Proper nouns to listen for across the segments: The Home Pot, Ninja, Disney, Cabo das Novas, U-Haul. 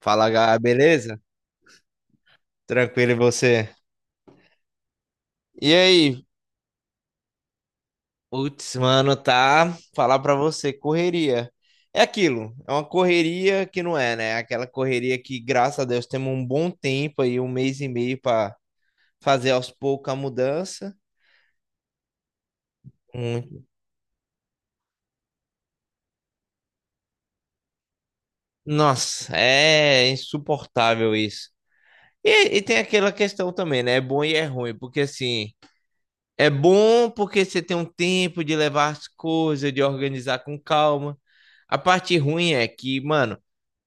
Fala, Gá, beleza? Tranquilo e você? E aí? Putz, mano, tá? Falar pra você, correria. É aquilo, é uma correria que não é, né? Aquela correria que, graças a Deus, temos um bom tempo aí, um mês e meio pra fazer aos poucos a mudança. Hum. Nossa, é insuportável isso. E tem aquela questão também, né? É bom e é ruim, porque assim. É bom porque você tem um tempo de levar as coisas, de organizar com calma. A parte ruim é que, mano,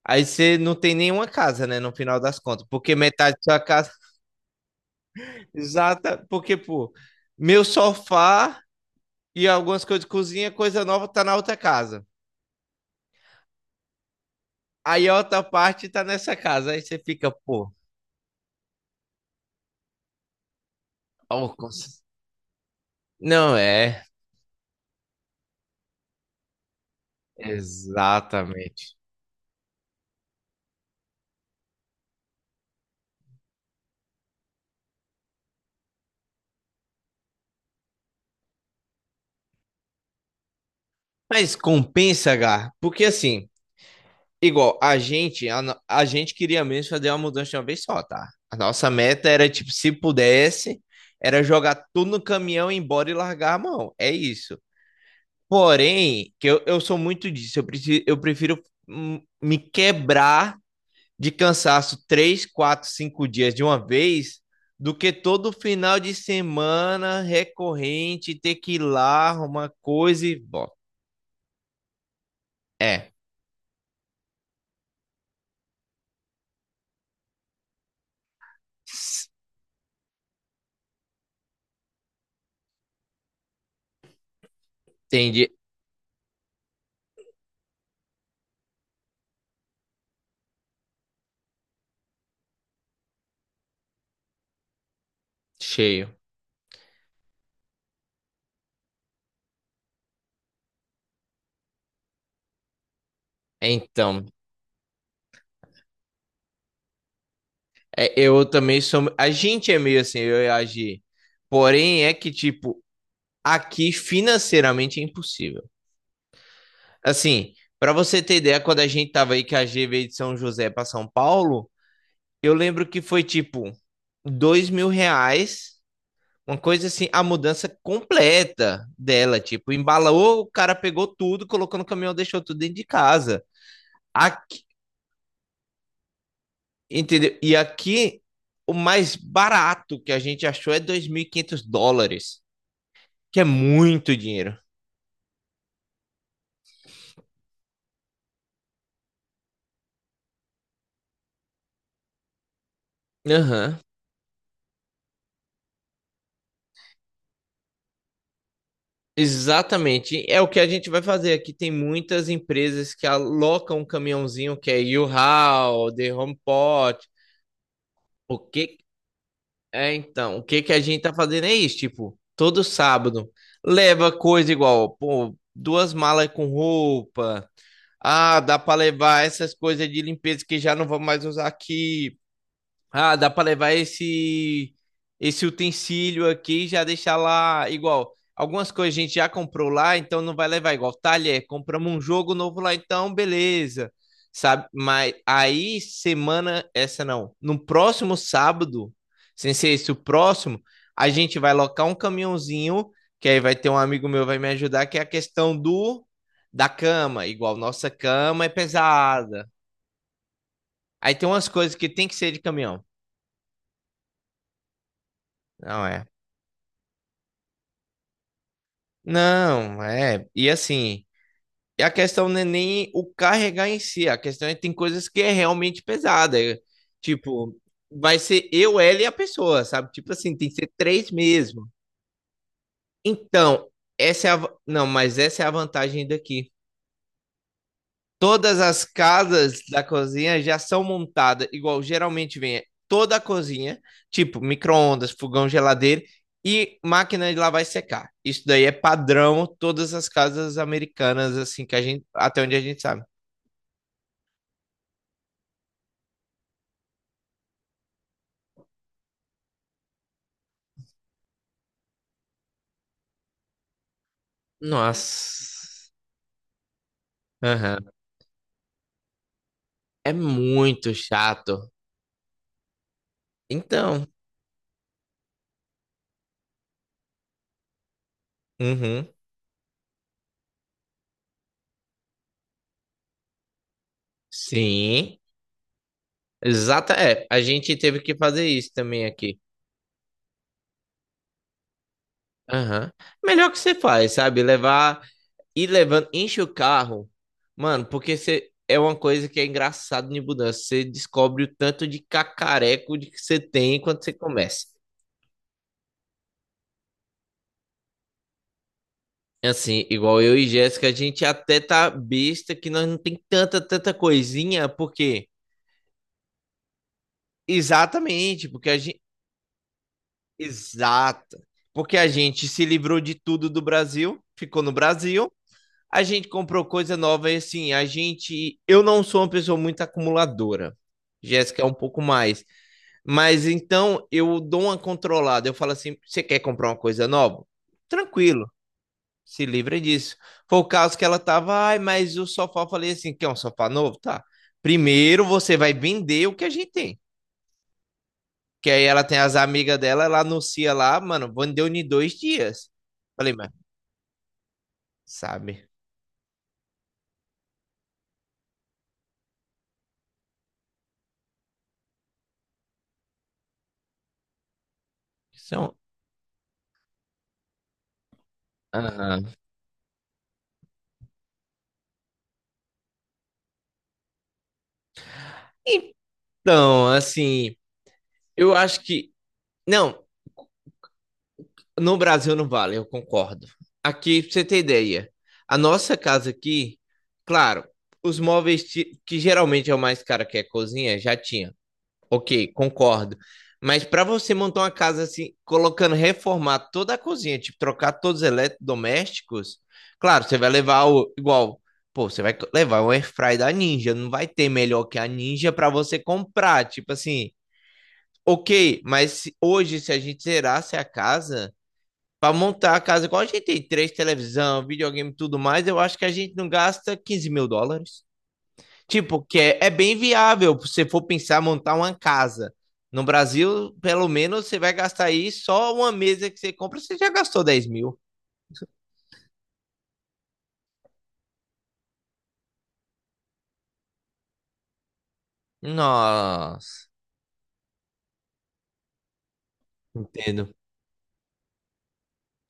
aí você não tem nenhuma casa, né, no final das contas, porque metade da sua casa exata, porque, pô, meu sofá e algumas coisas de cozinha, coisa nova tá na outra casa. Aí a outra parte tá nessa casa, aí você fica, pô, ó, não é, exatamente. Mas compensa, Gá, porque assim, igual, a gente, a, no- a gente queria mesmo fazer uma mudança de uma vez só, tá? A nossa meta era, tipo, se pudesse, era jogar tudo no caminhão, ir embora e largar a mão. É isso. Porém, que eu sou muito disso, eu preciso, eu prefiro, me quebrar de cansaço três, quatro, cinco dias de uma vez, do que todo final de semana recorrente ter que ir lá arrumar coisa e bom. É, s- entendi. Cheio. Então. É, eu também sou. A gente é meio assim, eu e a Gi. Porém, é que, tipo, aqui financeiramente é impossível. Assim, pra você ter ideia, quando a gente tava aí, que a G veio de São José pra São Paulo, eu lembro que foi tipo R$ 2.000, uma coisa assim, a mudança completa dela. Tipo, embalou, o cara pegou tudo, colocou no caminhão, deixou tudo dentro de casa. Aqui, entendeu? E aqui, o mais barato que a gente achou é US$ 2.500. Que é muito dinheiro. Aham. Exatamente. É o que a gente vai fazer aqui. Tem muitas empresas que alocam um caminhãozinho que é U-Haul, The Home Pot. O que é então? O que que a gente tá fazendo é isso, tipo, todo sábado leva coisa igual, pô, duas malas com roupa. Ah, dá para levar essas coisas de limpeza que já não vamos mais usar aqui. Ah, dá para levar esse utensílio aqui e já deixar lá igual. Algumas coisas a gente já comprou lá, então não vai levar igual. Talher, compramos um jogo novo lá, então beleza. Sabe? Mas aí semana essa não, no próximo sábado, sem ser esse o próximo, a gente vai locar um caminhãozinho, que aí vai ter um amigo meu vai me ajudar, que é a questão do da cama, igual nossa cama é pesada. Aí tem umas coisas que tem que ser de caminhão. Não é. Não, é. E assim, e a questão não é nem o carregar em si, a questão é que tem coisas que é realmente pesada. É. Tipo, vai ser eu, ela e a pessoa, sabe? Tipo assim, tem que ser três mesmo. Então, essa é a. Não, mas essa é a vantagem daqui. Todas as casas da cozinha já são montadas igual geralmente vem é toda a cozinha, tipo micro-ondas, fogão, geladeira e máquina de lavar e secar. Isso daí é padrão todas as casas americanas assim que a gente até onde a gente sabe. Nossa. Aham. É muito chato. Então. Uhum. Sim. Exata, é, a gente teve que fazer isso também aqui. Aham. Melhor que você faz, sabe? Levar E levando, enche o carro, mano, porque você é uma coisa que é engraçado de mudança. Você descobre o tanto de cacareco de que você tem quando você começa. Assim, igual eu e Jéssica, a gente até tá besta que nós não tem tanta, tanta coisinha, porque exatamente, porque a gente exata, porque a gente se livrou de tudo do Brasil, ficou no Brasil, a gente comprou coisa nova e assim, eu não sou uma pessoa muito acumuladora. Jéssica é um pouco mais. Mas então eu dou uma controlada. Eu falo assim: você quer comprar uma coisa nova? Tranquilo, se livra disso. Foi o caso que ela tava, ai, mas o sofá, eu falei assim: quer um sofá novo? Tá. Primeiro você vai vender o que a gente tem. Que aí ela tem as amigas dela, ela anuncia lá, mano, vendeu em 2 dias. Falei, mas sabe? São... Aham. Então, assim, eu acho que. Não. No Brasil não vale, eu concordo. Aqui, pra você ter ideia, a nossa casa aqui, claro, os móveis que geralmente é o mais caro que é cozinha, já tinha. Ok, concordo. Mas para você montar uma casa assim, colocando, reformar toda a cozinha, tipo, trocar todos os eletrodomésticos, claro, você vai levar o igual, pô, você vai levar um airfry da Ninja, não vai ter melhor que a Ninja para você comprar, tipo assim, ok, mas hoje se a gente zerasse a casa para montar a casa, igual a gente tem três televisão, videogame e tudo mais, eu acho que a gente não gasta US$ 15.000. Tipo, que é bem viável, se você for pensar montar uma casa. No Brasil, pelo menos, você vai gastar aí só uma mesa que você compra, você já gastou 10.000. Nossa, entendo.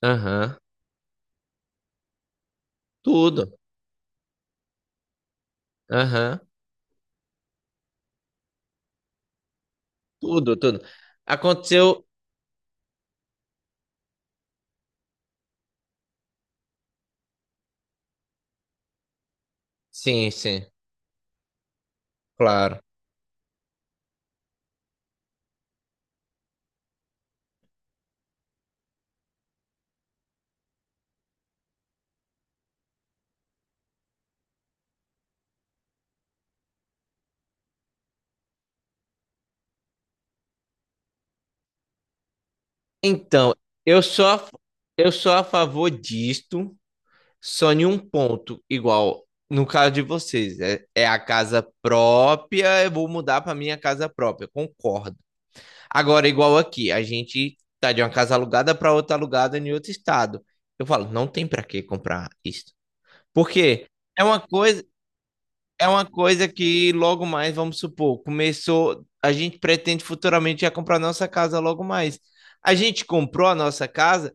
Aham. Tudo. Aham. Tudo, tudo. Aconteceu. Sim, sim, claro. Então, eu sou a, eu sou a favor disto. Só em um ponto, igual no caso de vocês, é a casa própria, eu vou mudar para minha casa própria, concordo. Agora, igual aqui, a gente tá de uma casa alugada para outra alugada em outro estado. Eu falo, não tem para que comprar isso. Porque é uma coisa, é uma coisa que logo mais, vamos supor, começou, a gente pretende futuramente já comprar nossa casa logo mais. A gente comprou a nossa casa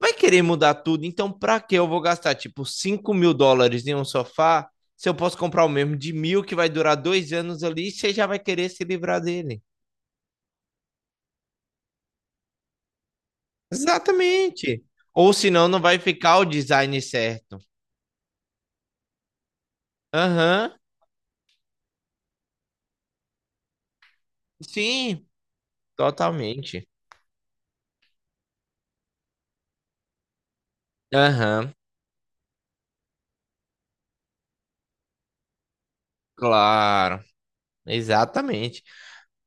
vai querer mudar tudo, então pra que eu vou gastar, tipo, US$ 5.000 em um sofá se eu posso comprar o mesmo de 1.000 que vai durar 2 anos ali e você já vai querer se livrar dele? Exatamente. Ou senão não vai ficar o design certo. Aham, sim, totalmente. Aham, claro, exatamente.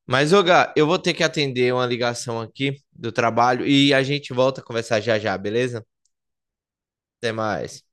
Mas, ô Gá, eu vou ter que atender uma ligação aqui do trabalho e a gente volta a conversar já já, beleza? Até mais.